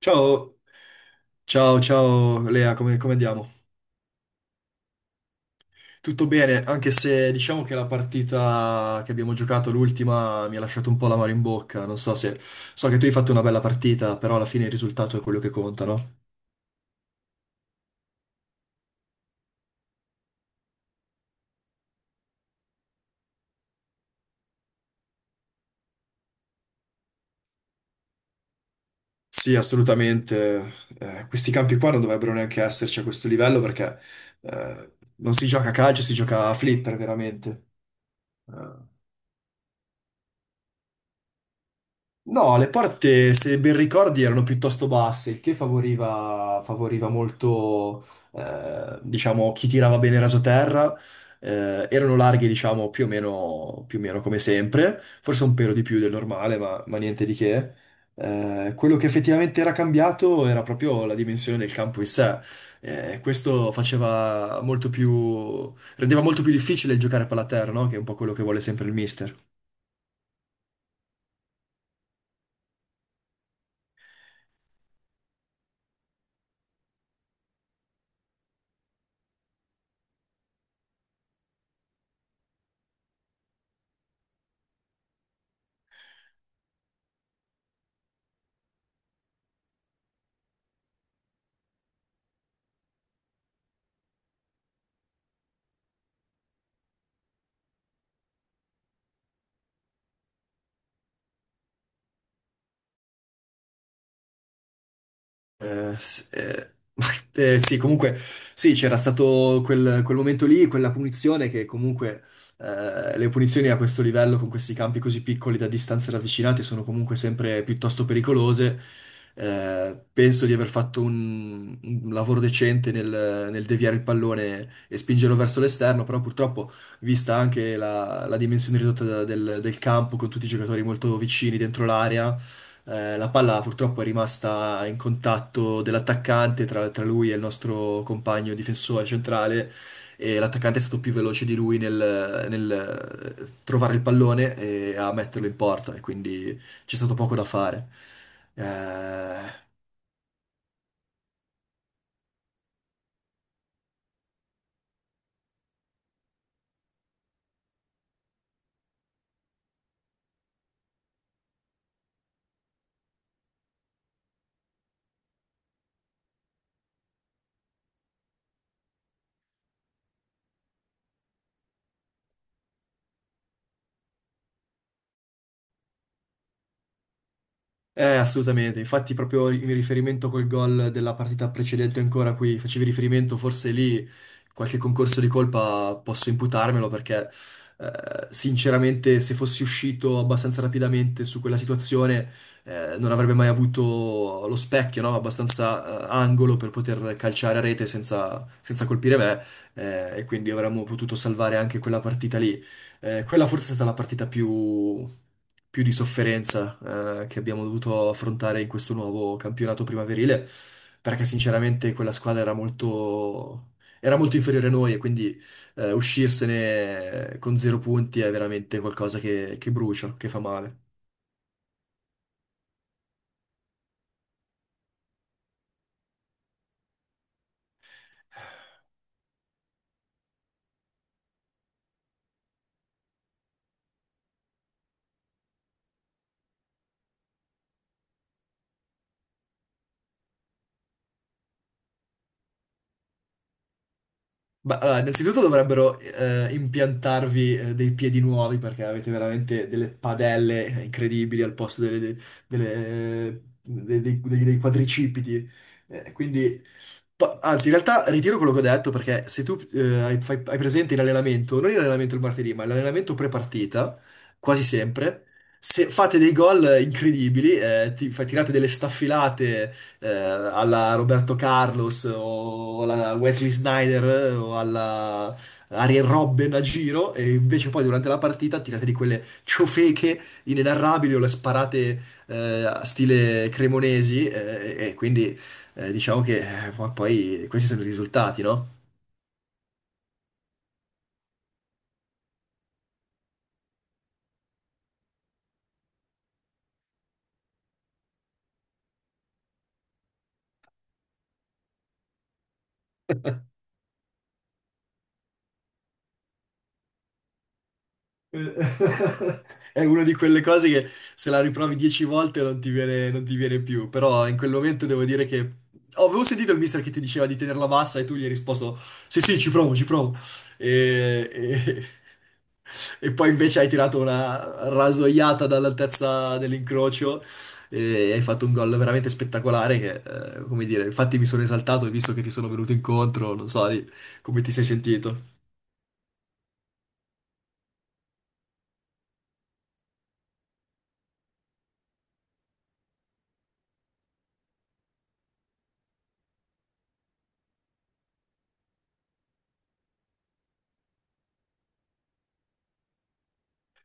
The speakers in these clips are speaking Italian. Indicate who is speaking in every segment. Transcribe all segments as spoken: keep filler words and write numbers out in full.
Speaker 1: Ciao, ciao, ciao Lea, come, come andiamo? Tutto bene, anche se diciamo che la partita che abbiamo giocato, l'ultima, mi ha lasciato un po' l'amaro in bocca. Non so se... So che tu hai fatto una bella partita, però alla fine il risultato è quello che conta, no? Sì, assolutamente. Eh, questi campi qua non dovrebbero neanche esserci a questo livello perché eh, non si gioca a calcio, si gioca a flipper veramente. No, le porte, se ben ricordi, erano piuttosto basse, il che favoriva, favoriva molto, eh, diciamo, chi tirava bene rasoterra. Eh, erano larghe, diciamo, più o meno, più o meno come sempre, forse un pelo di più del normale, ma, ma niente di che. Eh, quello che effettivamente era cambiato era proprio la dimensione del campo in sé. Eh, questo faceva molto più, rendeva molto più difficile il giocare a palla a terra, no? Che è un po' quello che vuole sempre il mister. Eh, s- eh, eh, sì, comunque, sì, c'era stato quel, quel momento lì, quella punizione che comunque eh, le punizioni a questo livello, con questi campi così piccoli da distanze ravvicinate, sono comunque sempre piuttosto pericolose. Eh, penso di aver fatto un, un lavoro decente nel, nel deviare il pallone e spingerlo verso l'esterno, però purtroppo, vista anche la, la dimensione ridotta da- del, del campo, con tutti i giocatori molto vicini dentro l'area, eh, la palla purtroppo è rimasta in contatto dell'attaccante tra, tra lui e il nostro compagno difensore centrale e l'attaccante è stato più veloce di lui nel, nel, eh, trovare il pallone e a metterlo in porta e quindi c'è stato poco da fare. Eh, Eh, assolutamente. Infatti, proprio in riferimento col gol della partita precedente ancora qui, facevi riferimento, forse lì qualche concorso di colpa posso imputarmelo perché eh, sinceramente se fossi uscito abbastanza rapidamente su quella situazione eh, non avrebbe mai avuto lo specchio, no? Abbastanza eh, angolo per poter calciare a rete senza, senza colpire me eh, e quindi avremmo potuto salvare anche quella partita lì. Eh, quella forse è stata la partita più, più di sofferenza, eh, che abbiamo dovuto affrontare in questo nuovo campionato primaverile, perché sinceramente quella squadra era molto, era molto inferiore a noi e quindi eh, uscirsene con zero punti è veramente qualcosa che, che brucia, che fa male. Ma allora, innanzitutto dovrebbero eh, impiantarvi eh, dei piedi nuovi perché avete veramente delle padelle incredibili al posto delle- delle- delle- dei, dei- dei quadricipiti. Eh, quindi Pa- Anzi, in realtà ritiro quello che ho detto perché se tu eh, hai, fai- hai presente in allenamento, non in allenamento il martedì, ma l'allenamento pre-partita, quasi sempre, se fate dei gol eh, incredibili, eh, ti, fai- tirate delle staffilate eh, alla Roberto Carlos o alla Wesley Snyder eh, o alla Arjen Robben a giro e invece poi durante la partita tirate di quelle ciofeche inenarrabili o le sparate eh, a stile cremonesi eh, e quindi eh, diciamo che eh, poi questi sono i risultati, no? Eh, È una di quelle cose che se la riprovi dieci volte non ti viene, non ti viene più, però in quel momento devo dire che... Oh, avevo sentito il mister che ti diceva di tenerla bassa e tu gli hai risposto sì, sì, ci provo, ci provo. E, e- e poi invece hai tirato una rasoiata dall'altezza dell'incrocio e hai fatto un gol veramente spettacolare che, eh, come dire, infatti mi sono esaltato e visto che ti sono venuto incontro, non so lì, come ti sei sentito.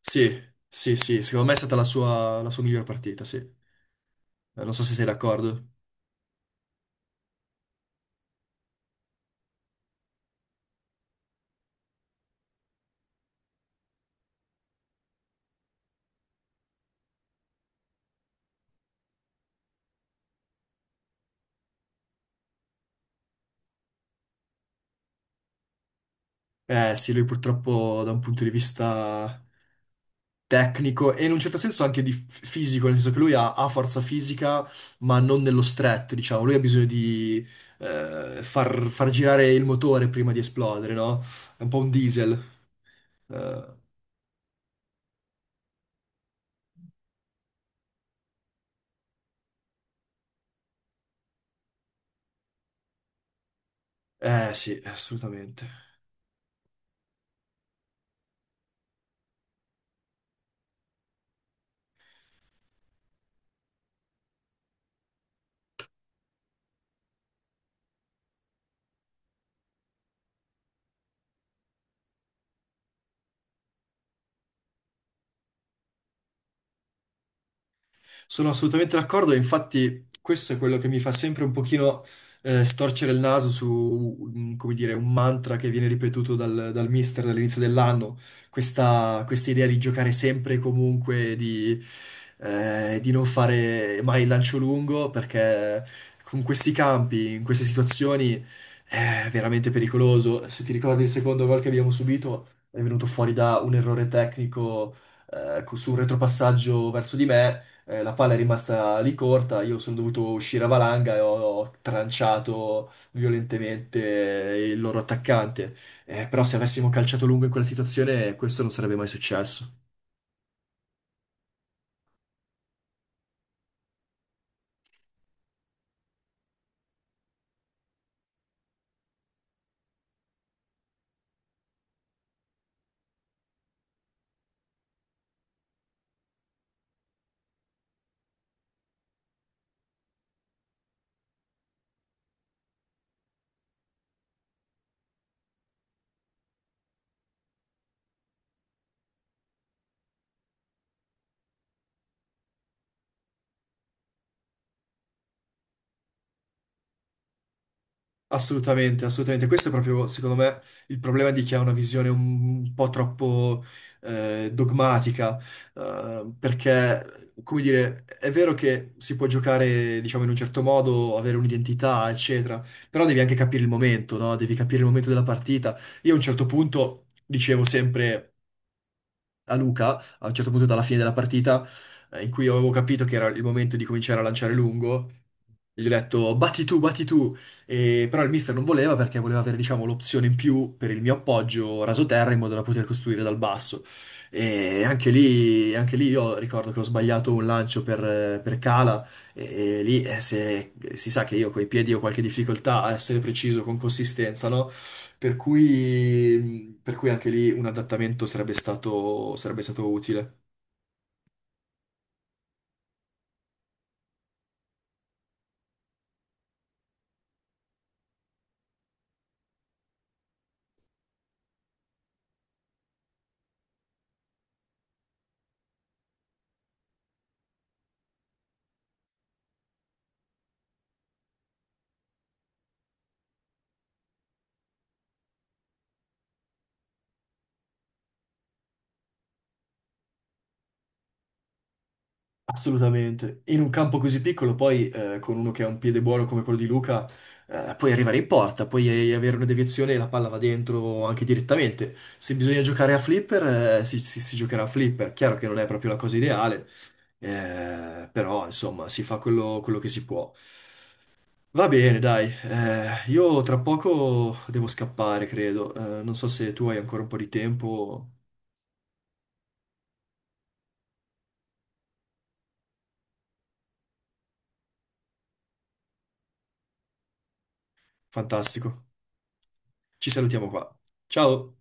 Speaker 1: Sì, sì, sì, secondo me è stata la sua, la sua miglior partita, sì. Eh, Non so se sei d'accordo. Eh sì, lui purtroppo da un punto di vista tecnico e in un certo senso anche di f- fisico, nel senso che lui ha, ha forza fisica, ma non nello stretto, diciamo. Lui ha bisogno di eh, far, far girare il motore prima di esplodere, no? È un po' un diesel. Eh, eh, sì, assolutamente. Sono assolutamente d'accordo, e infatti questo è quello che mi fa sempre un pochino eh, storcere il naso su, mm, come dire, un mantra che viene ripetuto dal, dal mister dall'inizio dell'anno, questa, questa idea di giocare sempre e comunque, di, eh, di non fare mai il lancio lungo, perché con questi campi, in queste situazioni, è veramente pericoloso. Se ti ricordi il secondo gol che abbiamo subito, è venuto fuori da un errore tecnico eh, co- su un retropassaggio verso di me eh, la palla è rimasta lì corta, io sono dovuto uscire a valanga e ho, ho tranciato violentemente il loro attaccante. Eh, però se avessimo calciato lungo in quella situazione, questo non sarebbe mai successo. Assolutamente, assolutamente. Questo è proprio, secondo me, il problema di chi ha una visione un po' troppo eh, dogmatica, eh, perché, come dire, è vero che si può giocare, diciamo, in un certo modo, avere un'identità, eccetera, però devi anche capire il momento, no? Devi capire il momento della partita. Io a un certo punto dicevo sempre a Luca a un certo punto dalla fine della partita, eh, in cui io avevo capito che era il momento di cominciare a lanciare lungo. Gli ho detto batti tu, batti tu. E- però il mister non voleva perché voleva avere, diciamo, l'opzione in più per il mio appoggio raso terra in modo da poter costruire dal basso. E anche lì, anche lì io ricordo che ho sbagliato un lancio per, eh, per cala e, e lì eh, se, si sa che io coi piedi ho qualche difficoltà a essere preciso con consistenza, no? Per cui, per cui anche lì un adattamento sarebbe stato, sarebbe stato utile. Assolutamente. In un campo così piccolo, poi eh, con uno che ha un piede buono come quello di Luca, eh, puoi arrivare in porta, puoi eh, avere una deviazione e la palla va dentro anche direttamente. Se bisogna giocare a flipper, eh, si, si- si giocherà a flipper. Chiaro che non è proprio la cosa ideale, eh, però insomma si fa quello quello che si può. Va bene, dai, eh, io tra poco devo scappare, credo. Eh, non so se tu hai ancora un po' di tempo. Fantastico. Ci salutiamo qua. Ciao!